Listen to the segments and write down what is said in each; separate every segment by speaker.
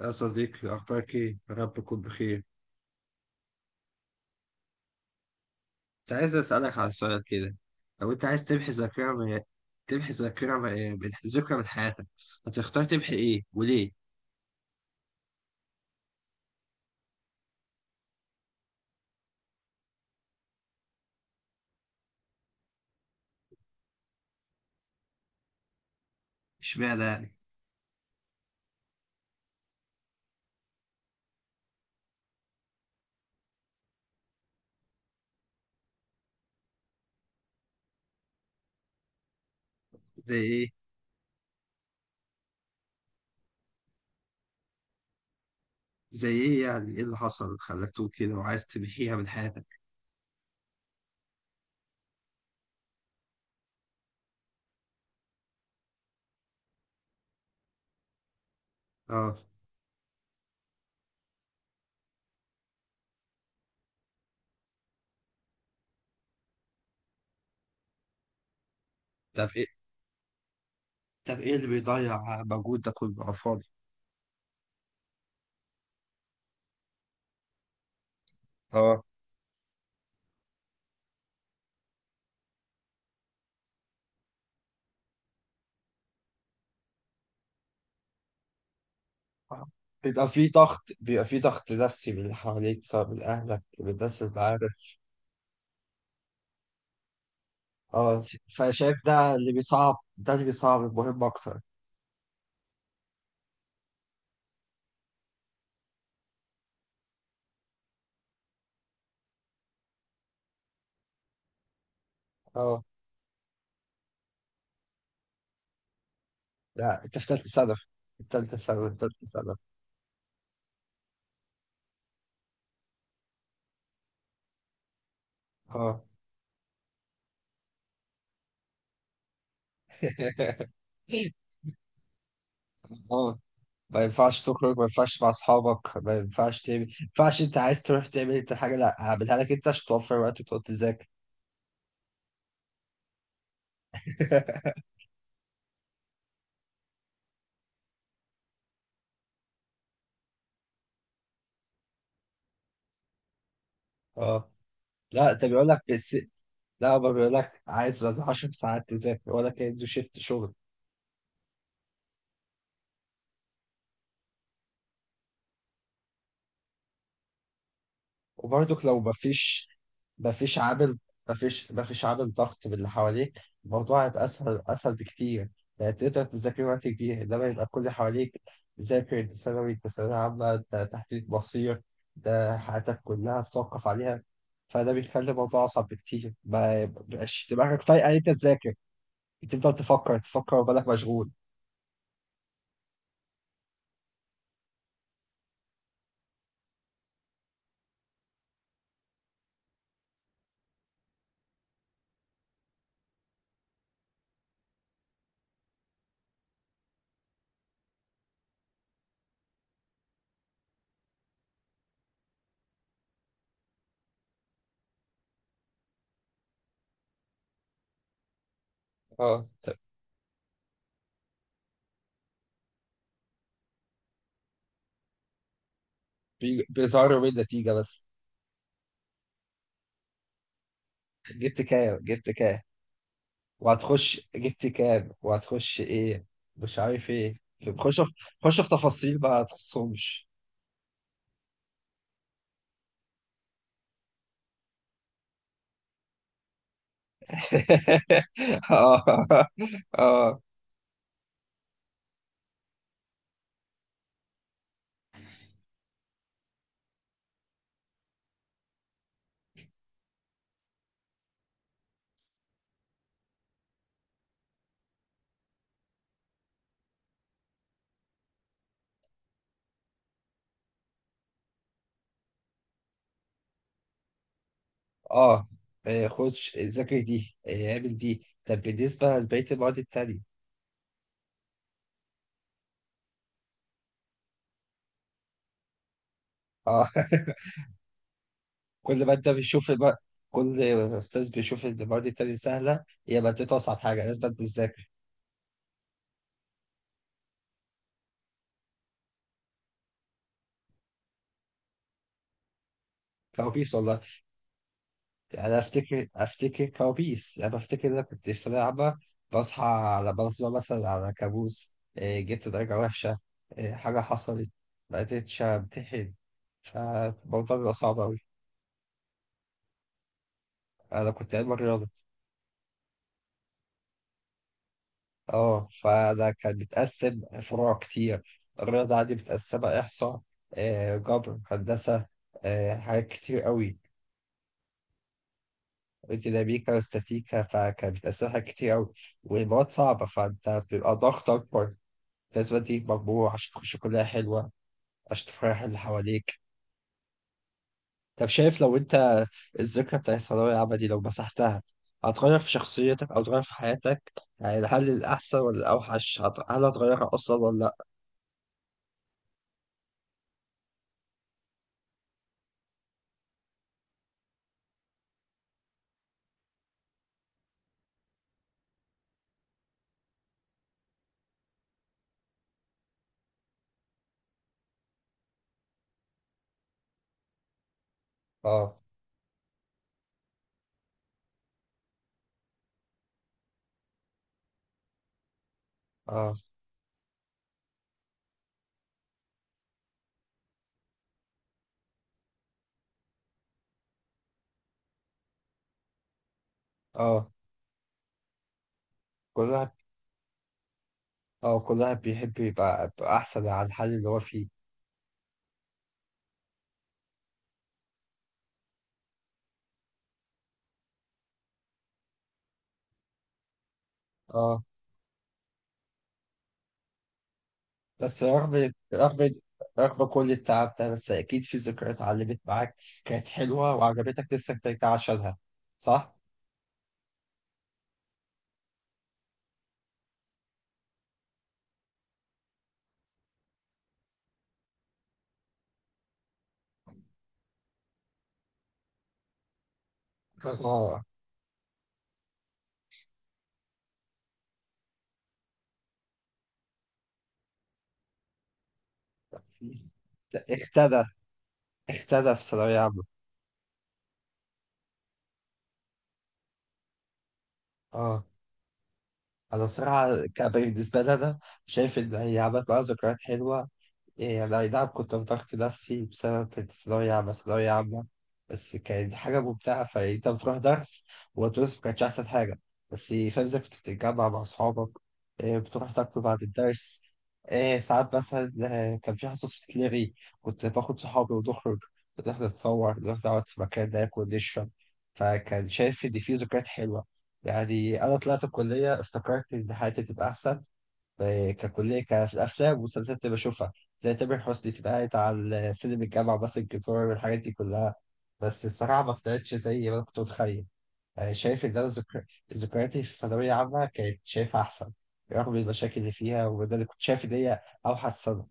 Speaker 1: يا صديقي أخبارك إيه؟ يا رب تكون بخير. كنت عايز أسألك على سؤال كده. لو أنت عايز تمحي ذاكرة من ذكرى من حياتك، هتختار تمحي إيه وليه؟ إشمعنى يعني؟ زي إيه؟ زي إيه يعني؟ إيه اللي حصل خلاك تقول كده وعايز تمحيها من حياتك؟ آه، طب إيه؟ طب إيه اللي بيضيع مجهود ده كله على الفاضي؟ آه، بيبقى في ضغط، بيبقى في ضغط نفسي من اللي حواليك، سواء من أهلك، من الناس اللي معاك. اه، فشايف ده اللي بيصعب، المهم أكتر. اه، لا انت في ثالثه ثانوي في ثالثه ثانوي. اه. اه، ما ينفعش تخرج، ما ينفعش مع اصحابك، ما ينفعش تعمل، ما ينفعش، انت عايز تروح تعمل انت حاجه، لا هعملها لك انت عشان توفر وقت وتقعد تذاكر. اه، لا ده بيقول لك الس... لا، هو بيقول لك عايز بعد 10 ساعات تذاكر ولا كأنه شيفت شغل. وبرضك لو مفيش عامل مفيش عامل ضغط من اللي حواليك، الموضوع هيبقى أسهل، أسهل بكتير. يعني تقدر تذاكر وقت كبير، إنما يبقى كل اللي حواليك ذاكر، أنت ثانوي، أنت ثانوية عامة، أنت تحديد مصير، ده حياتك كلها بتوقف عليها. فده بيخلي الموضوع أصعب بكتير، ما بيبقاش دماغك فايقة إن أنت تذاكر، بتفضل تفكر وبالك مشغول. اه، بيظهروا من النتيجة بس. جبت كام وهتخش، جبت كام وهتخش ايه، مش عارف ايه. خش في خش في تفاصيل بقى تخصهمش. اه. اه. اه، إيه، خش ذاكر دي، إيه، اعمل دي، طب بالنسبة لبقية المواد التانية؟ اه. كل ما انت بيشوف بقى، كل استاذ بيشوف ان المواد التانية سهلة، يبقى انت اصعب حاجة لازم تذاكر. كوابيس والله. يعني انا افتكر، كوابيس، يعني انا افتكر ان انا كنت في ثانويه عامه، بصحى مثلا على كابوس، إيه، جبت درجه وحشه، إيه، حاجه حصلت، ما قدرتش امتحن. فالموضوع بيبقى صعب قوي. انا كنت علم رياضه. اه، فانا كان بيتقسم فروع كتير، الرياضه عندي متقسمه احصاء، إيه، جبر، هندسه، إيه، حاجات كتير قوي، ديناميكا واستاتيكا. فكان بتقسمها كتير قوي، والمواد صعبة، فأنت بيبقى ضغط أكبر. الأسباب دي مجموعة عشان تخش كلية حلوة، عشان تفرح اللي حواليك. طب شايف لو أنت الذكرى بتاعت الثانوية العامة دي لو مسحتها، هتغير في شخصيتك أو تغير في حياتك؟ يعني هل الأحسن ولا الأوحش، هل هتغيرها أصلا ولا لأ؟ آه. آه. آه، كل واحد آه، كل واحد بيحب يبقى، أحسن عن الحال اللي هو فيه. آه. بس رغم رغم رغم كل التعب ده، بس أكيد في ذكريات علمت معاك كانت حلوة وعجبتك نفسك ترجع عشانها، صح؟ آه. اختدى اختدى في ثانوية عامة. اه، أنا الصراحة، بالنسبة لي أنا شايف إن هي عملت معايا ذكريات حلوة. يعني أي نعم كنت بضغط نفسي بسبب الثانوية عامة، ثانوية عامة، بس كانت حاجة ممتعة. فأنت بتروح درس، والدروس ما كانتش أحسن حاجة، بس فاهم إزاي كنت بتتجمع مع أصحابك، إيه، بتروح تاكل بعد الدرس، إيه، ساعات مثلا آه، كان في حصص بتتلغي، كنت باخد صحابي ونخرج، نروح نتصور، نروح نقعد في مكان ناكل نشرب. فكان شايف إن في ذكريات حلوة. يعني أنا طلعت الكلية افتكرت إن حياتي تبقى أحسن، آه، ككلية، في الأفلام والمسلسلات اللي بشوفها، زي تامر حسني تبقى قاعد على سلم الجامعة ماسك الجيتار والحاجات دي كلها. بس الصراحة ما طلعتش زي ما أنا كنت متخيل. آه، شايف إن أنا ذكرياتي في ثانوية عامة كانت شايفها أحسن، رغم المشاكل اللي فيها، وده اللي كنت شايف إن هي أوحش سنة.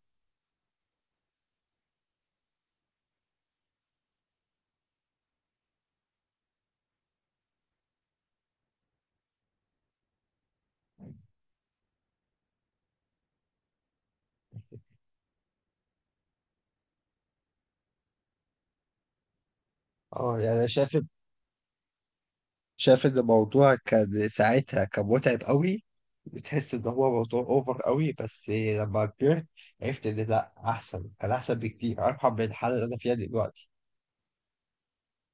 Speaker 1: أه، يعني أنا شايف، إن الموضوع كان ساعتها كان متعب قوي، بتحس إن هو موضوع أوفر قوي، بس لما كبرت عرفت إن لأ، أحسن، كان أحسن بكتير، أرحم من الحالة اللي أنا فيها دلوقتي.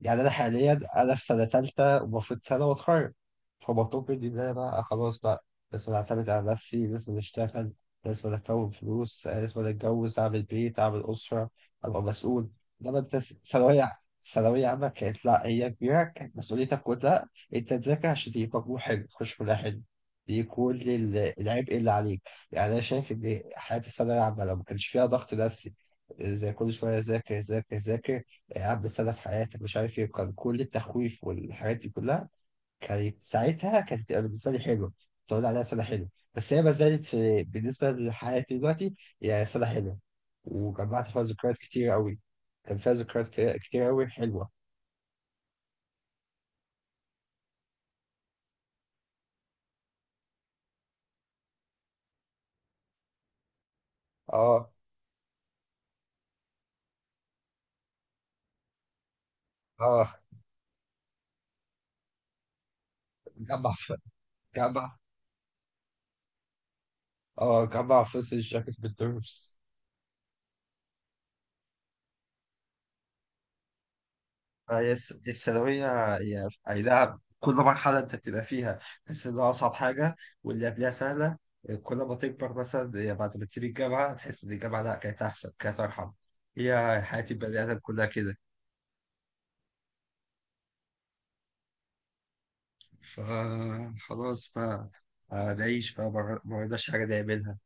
Speaker 1: يعني أنا حاليا أنا في سنة تالتة ومفروض سنة وأتخرج، فمطلوب مني إن أنا بقى خلاص بقى لازم أعتمد على نفسي، لازم أشتغل، لازم أكون فلوس، آه، لازم أتجوز، أعمل بيت، أعمل أسرة، أبقى مسؤول. إنما أنت ثانوية ثانوية عامة كانت، لا هي كبيرة، كانت مسؤوليتك كلها أنت تذاكر عشان تجيب مجموع حلو تخش كلها حلو. دي كل العبء اللي عليك. يعني أنا شايف إن حياة الثانوية العامة لو ما كانش فيها ضغط نفسي، زي كل شوية ذاكر، ذاكر، قبل سنة في حياتك مش عارف ايه، كان كل التخويف والحاجات دي كلها، كانت ساعتها كانت تبقى بالنسبة لي حلوة، تقول عليها سنة حلوة. بس هي ما زالت في بالنسبة لحياتي دلوقتي هي سنة حلوة، وجمعت فيها ذكريات كتير قوي، كان فيها ذكريات، كتير قوي حلوة. اه. اه، جمع ف- جمع. اه، جمع فلوس الجاكيت بالدروس. هي دي الثانوية، هي أي نعم كل مرحلة أنت بتبقى فيها تحس إنها أصعب حاجة واللي قبلها سهلة. كل ما تكبر مثلا، هي بعد ما تسيب الجامعة تحس إن الجامعة لأ، كانت أحسن، كانت أرحم. هي حياة البني آدم كلها كده. فخلاص بقى، آه، نعيش بقى، ما عندناش حاجة نعملها،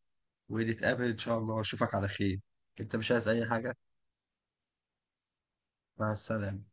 Speaker 1: ونتقابل إن شاء الله وأشوفك على خير. أنت مش عايز أي حاجة؟ مع السلامة.